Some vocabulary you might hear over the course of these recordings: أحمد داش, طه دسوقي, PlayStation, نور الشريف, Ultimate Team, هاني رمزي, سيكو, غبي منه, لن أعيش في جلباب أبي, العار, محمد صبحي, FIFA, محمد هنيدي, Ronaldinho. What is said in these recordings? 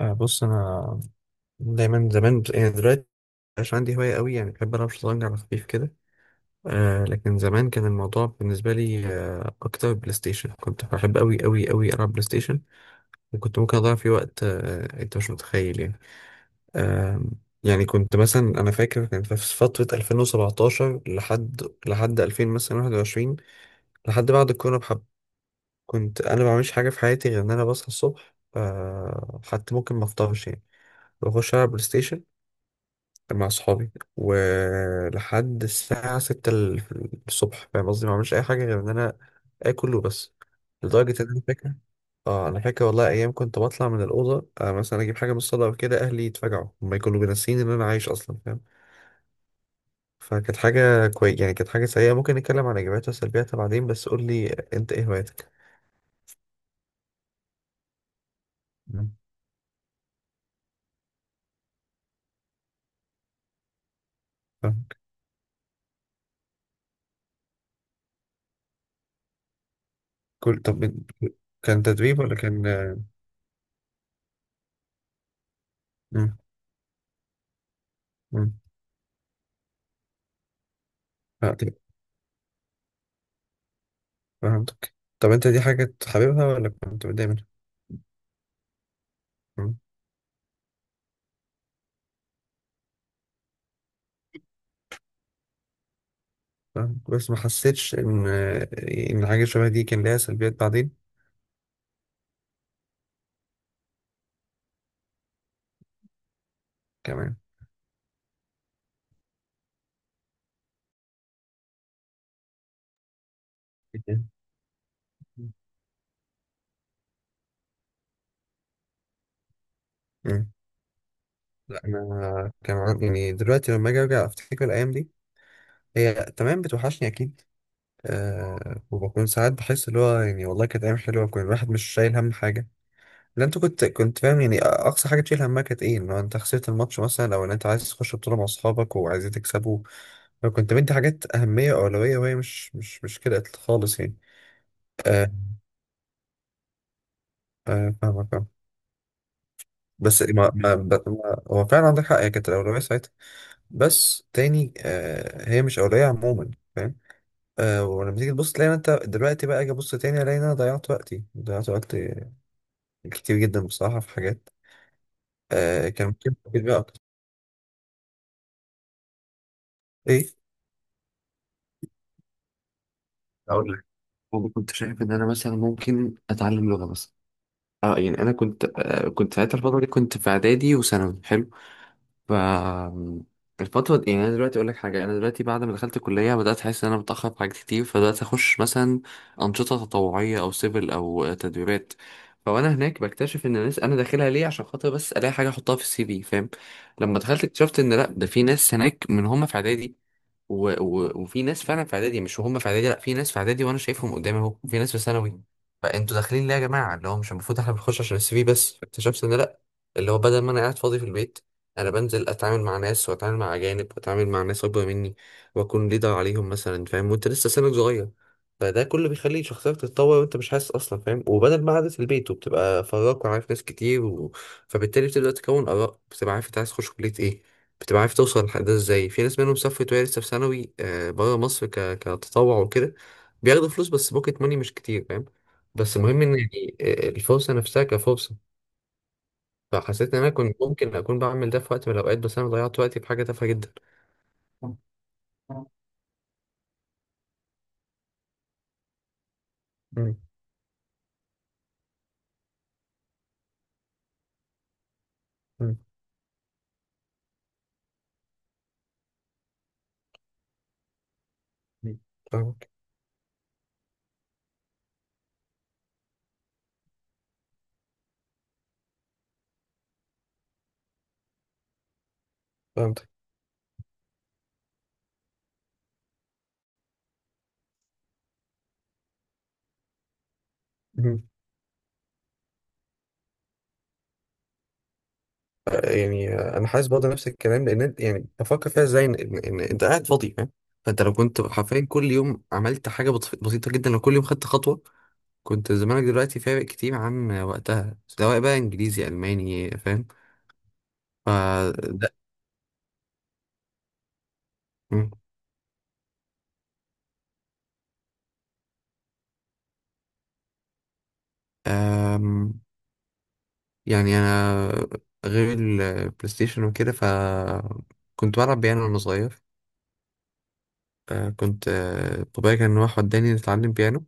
بص انا دايما زمان يعني دلوقتي مش عندي هوايه قوي، يعني بحب العب شطرنج على خفيف كده. لكن زمان كان الموضوع بالنسبه لي اكتر بلاي ستيشن، كنت بحب قوي قوي قوي العب بلاي ستيشن، وكنت ممكن اضيع فيه وقت، انت مش متخيل يعني. آه يعني كنت مثلا انا فاكر كان في فتره 2017 لحد 2000 مثلا 21، لحد بعد الكورونا بحب. كنت انا ما بعملش حاجه في حياتي غير ان انا بصحى الصبح، حتى ممكن ما افطرش يعني، بخش العب بلاي ستيشن، كان مع صحابي، ولحد الساعة ستة الصبح. فاهم قصدي؟ ما بعملش أي حاجة غير إن أنا آكل وبس. لدرجة إن أنا فاكر، أنا فاكر والله أيام كنت بطلع من الأوضة، مثلا أجيب حاجة من الصالة أو كده، أهلي يتفاجعوا، هما كانوا بينسيني إن أنا عايش أصلا، فاهم. فكانت حاجة كويس يعني، كانت حاجة سيئة ممكن نتكلم عن إيجابياتها وسلبياتها بعدين. بس قول لي أنت إيه هواياتك؟ مم. فاهم. طب كان تدريب ولا كان؟ مم. مم. طيب. فهمتك. طب أنت دي حاجة حاببها ولا كنت متضايق منها؟ فاهمك. بس ما حسيتش ان حاجه شبه دي كان ليها سلبيات بعدين كمان. مم. لا انا كان يعني دلوقتي لما اجي ارجع افتكر الايام دي، هي تمام بتوحشني اكيد. أه، وبكون ساعات بحس اللي هو يعني والله كانت ايام حلوه، كان الواحد مش شايل هم حاجه. لا انت كنت فاهم يعني، اقصى حاجه تشيل همها كانت ايه؟ ان هو انت خسرت الماتش مثلا، او ان انت عايز تخش بطوله مع اصحابك وعايزين تكسبوا. فكنت مدي حاجات اهميه واولويه وهي مش كده خالص يعني. أه. أه، فاهمك. بس ما ما ب- ما- هو فعلا عندك حق، هي كانت الأولوية ساعتها. بس تاني هي مش أولوية عموما، فاهم. ولما تيجي تبص تلاقي إن أنت دلوقتي بقى، أجي أبص تاني ألاقي إن أنا ضيعت وقتي، ضيعت وقت كتير جدا بصراحة في حاجات، كان ممكن أفيد بيها أكتر. إيه؟ اقول لك، انا كنت شايف ان انا مثلا ممكن اتعلم لغه مثلا. اه، يعني انا كنت كنت ساعتها الفتره دي كنت في اعدادي وثانوي حلو. ف الفترة دي، يعني أنا دلوقتي أقول لك حاجة، أنا دلوقتي بعد ما دخلت الكلية بدأت أحس إن أنا متأخر في حاجات كتير، فبدأت أخش مثلا أنشطة تطوعية أو سيفل أو تدريبات. فوأنا هناك بكتشف إن الناس أنا داخلها ليه عشان خاطر بس ألاقي حاجة أحطها في السي في، فاهم. لما دخلت اكتشفت إن لأ، ده في ناس هناك من هما في إعدادي، و... وفي ناس فعلا في اعدادي، مش هم في اعدادي، لا في ناس في اعدادي وانا شايفهم قدامي اهو، وفي ناس في ثانوي. فانتوا داخلين ليه يا جماعه؟ اللي هو مش المفروض احنا بنخش عشان السي في بس. اكتشفت ان لا، اللي هو بدل ما انا قاعد فاضي في البيت، انا بنزل اتعامل مع ناس، واتعامل مع اجانب، واتعامل مع ناس اكبر مني، واكون ليدر عليهم مثلا، فاهم. وانت لسه سنك صغير، فده كله بيخلي شخصيتك تتطور وانت مش حاسس اصلا، فاهم. وبدل ما قعدت في البيت، وبتبقى فراك وعارف ناس كتير فبالتالي بتبدا تكون اراء، بتبقى عارف انت عايز تخش كليه ايه، بتبقى عارف توصل للحق ده ازاي. في ناس منهم سافرت وهي لسه في ثانوي، بره مصر، كتطوع وكده. بياخدوا فلوس بس بوكيت ماني مش كتير، فاهم. بس المهم ان يعني الفرصه نفسها كفرصه. فحسيت ان انا كنت ممكن اكون بعمل ده في وقت من الاوقات، بس انا ضيعت وقتي في حاجه تافهه جدا. مم. مم. مم. فاهمك. فهمتك. مم. يعني انا حاسس برضه نفس الكلام لان يعني بفكر فيها ازاي ان إن انت قاعد فاضي، فاهم. فانت لو كنت حرفيا كل يوم عملت حاجه بسيطه جدا، لو كل يوم خدت خطوه، كنت زمانك دلوقتي فارق كتير عن وقتها، سواء بقى انجليزي الماني، فاهم. ف ده. مم. أم، يعني انا غير البلاي ستيشن وكده، كنت بلعب بيانو وانا صغير. كنت بابايا كان راح وداني نتعلم بيانو.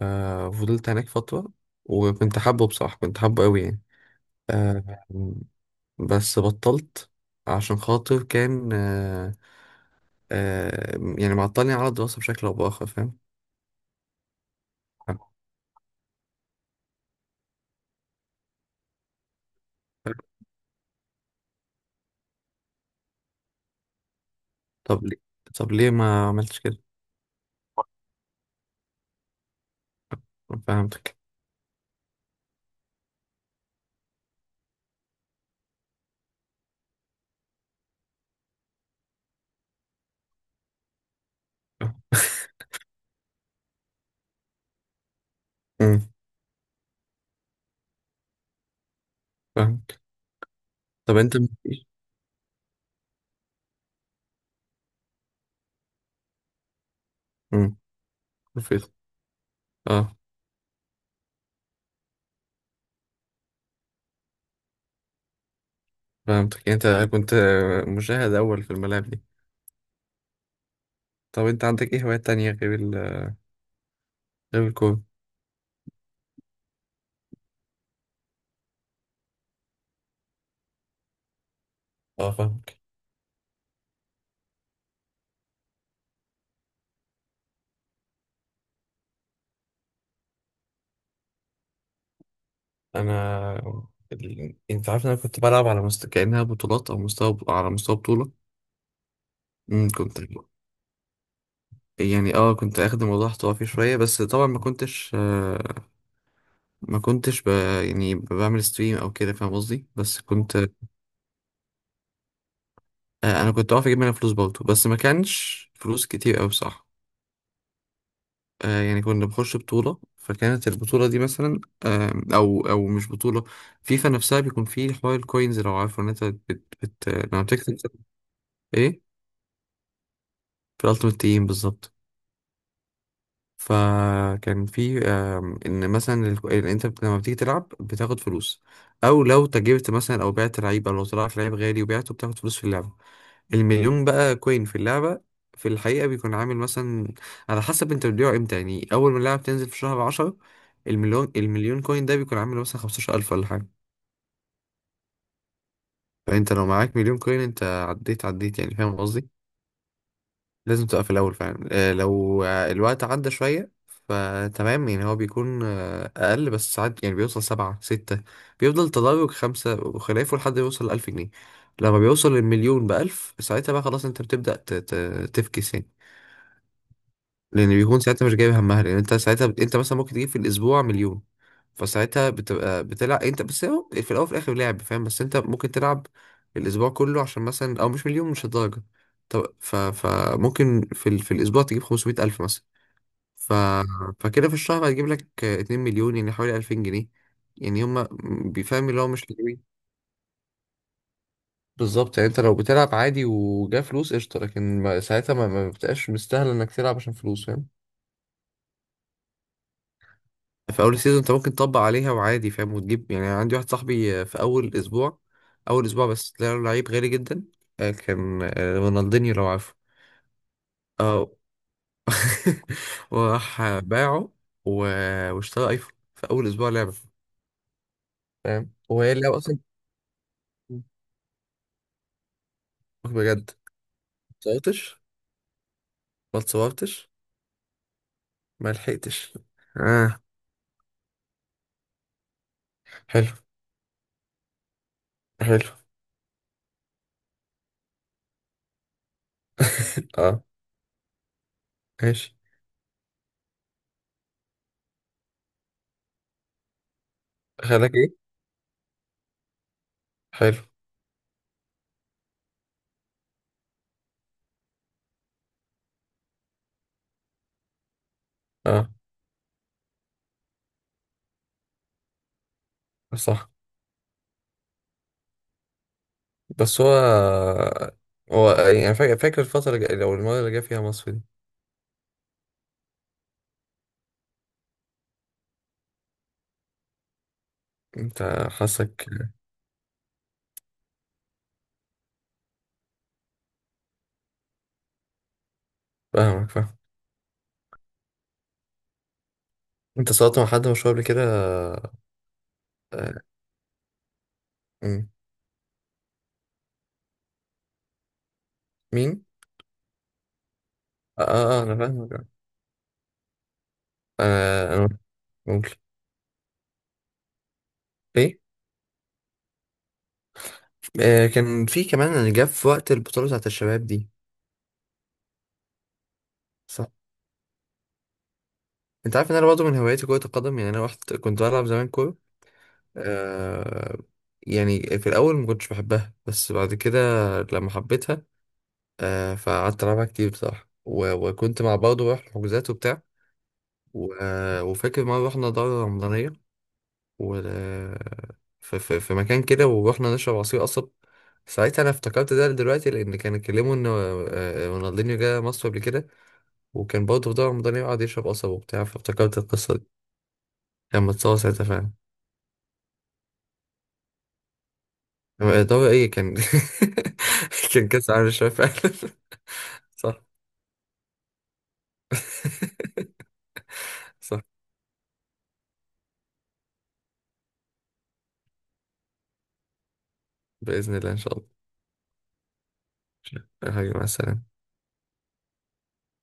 فضلت هناك فترة، وكنت حابه بصراحة كنت حابه قوي يعني. أم، بس بطلت عشان خاطر كان أه، أه، يعني معطلني على الدراسة بشكل أو بآخر، فاهم. طب ليه؟ ما عملتش كده؟ فهمتك. امم. فهمك. طب انت مفيش. امم. رفيق. اه. فهمتك. انت كنت مشاهد اول في الملاعب دي. طب انت عندك ايه هوايات تانية غير غير الكورة؟ اه فاهمك. انا انت عارف ان انا كنت بلعب على كأنها بطولات او مستوى، على مستوى بطولة. امم. كنت يعني، اه كنت اخد الموضوع احتراف فيه شوية بس طبعا ما كنتش ما كنتش يعني بعمل ستريم او كده، فاهم قصدي؟ بس كنت انا كنت بعرف اجيب منها فلوس برضه، بس ما كانش فلوس كتير قوي بصراحه. يعني كنا بنخش بطوله، فكانت البطوله دي مثلا او مش بطوله، فيفا نفسها بيكون فيه حوار الكوينز. لو عارفه ان انت لما بتكسب. ايه؟ في الالتيميت تيم بالظبط. فكان في ان مثلا إن لما بتيجي تلعب بتاخد فلوس، او لو تجربت مثلا، او بعت لعيب، او لو طلعت لعيب غالي وبعته، بتاخد فلوس في اللعبه. المليون بقى كوين في اللعبة في الحقيقة بيكون عامل مثلا، على حسب انت بتبيعه امتى. يعني أول ما اللعبة بتنزل في شهر عشرة، المليون كوين ده بيكون عامل مثلا خمستاشر ألف ولا حاجة. فأنت لو معاك مليون كوين، أنت عديت، عديت يعني، فاهم قصدي؟ لازم تبقى في الأول فعلا. آه، لو الوقت عدى شوية فتمام، يعني هو بيكون أقل بس ساعات. يعني بيوصل سبعة، ستة، بيفضل تدرج خمسة وخلافه لحد ما يوصل ألف جنيه. لما بيوصل المليون بألف، ساعتها بقى خلاص، أنت بتبدأ تفكس يعني. لان بيكون ساعتها مش جايب همها، لان انت ساعتها انت مثلا ممكن تجيب في الاسبوع مليون. فساعتها بتبقى بتلعب انت بس، هو في الاول وفي الاخر لعب، فاهم. بس انت ممكن تلعب الاسبوع كله، عشان مثلا، مش مليون مش الدرجه. طب فممكن في في الاسبوع تجيب 500 الف مثلا. ف... فكده في الشهر هتجيب لك 2 مليون، يعني حوالي 2000 جنيه يعني. هما بيفهم اللي هو مش حلوين. بالظبط يعني، انت لو بتلعب عادي وجا فلوس قشطه، لكن ساعتها ما بتبقاش مستاهل انك تلعب عشان فلوس، فاهم. في اول السيزون انت ممكن تطبق عليها وعادي، فاهم، وتجيب. يعني عندي واحد صاحبي في اول اسبوع، اول اسبوع بس طلع له لعيب غالي جدا، كان رونالدينيو، لو عارفه. اه. وراح باعه، واشترى ايفون في اول اسبوع لعبه، فاهم. وهي اللعبه اصلا. بجد؟ ما اتصورتش. ما اتصورتش. ما لحقتش. اه. حلو. حلو. اه. ماشي. خلاك ايه. حلو. اه. صح. بس هو، فاكر الفترة لو المرة اللي جه فيها مصر دي. انت. حاسك. فاهمك. فاهم. انت صورت مع حد مشهور قبل كده؟ مم. مين؟ اه، اه، انا فاهمك. انا. ممكن. ايه؟ كان في كمان اللي جه في وقت البطولة بتاعت الشباب دي. صح. انت عارف ان انا برضه من هواياتي كرة القدم. يعني انا رحت كنت بلعب زمان كورة. آه، يعني في الاول ما كنتش بحبها، بس بعد كده لما حبيتها، آه، فقعدت ألعبها كتير بصراحة. وكنت مع برضه بروح حجوزات وبتاع. و... وفاكر مرة رحنا دورة رمضانية و... في... مكان كده، ورحنا نشرب عصير قصب. ساعتها أنا افتكرت ده دلوقتي، لأن كانوا اتكلموا إن رونالدينيو جه مصر قبل كده، وكان برضه في دورة رمضانية، وقعد يشرب قصب وبتاع، فافتكرت القصة دي. كان متصور ساعتها فعلا. دورة إيه كان، كان كأس عالم الشباب فعلا. صح. صح. بإذن الله إن شاء الله. حبيبي مع السلامة.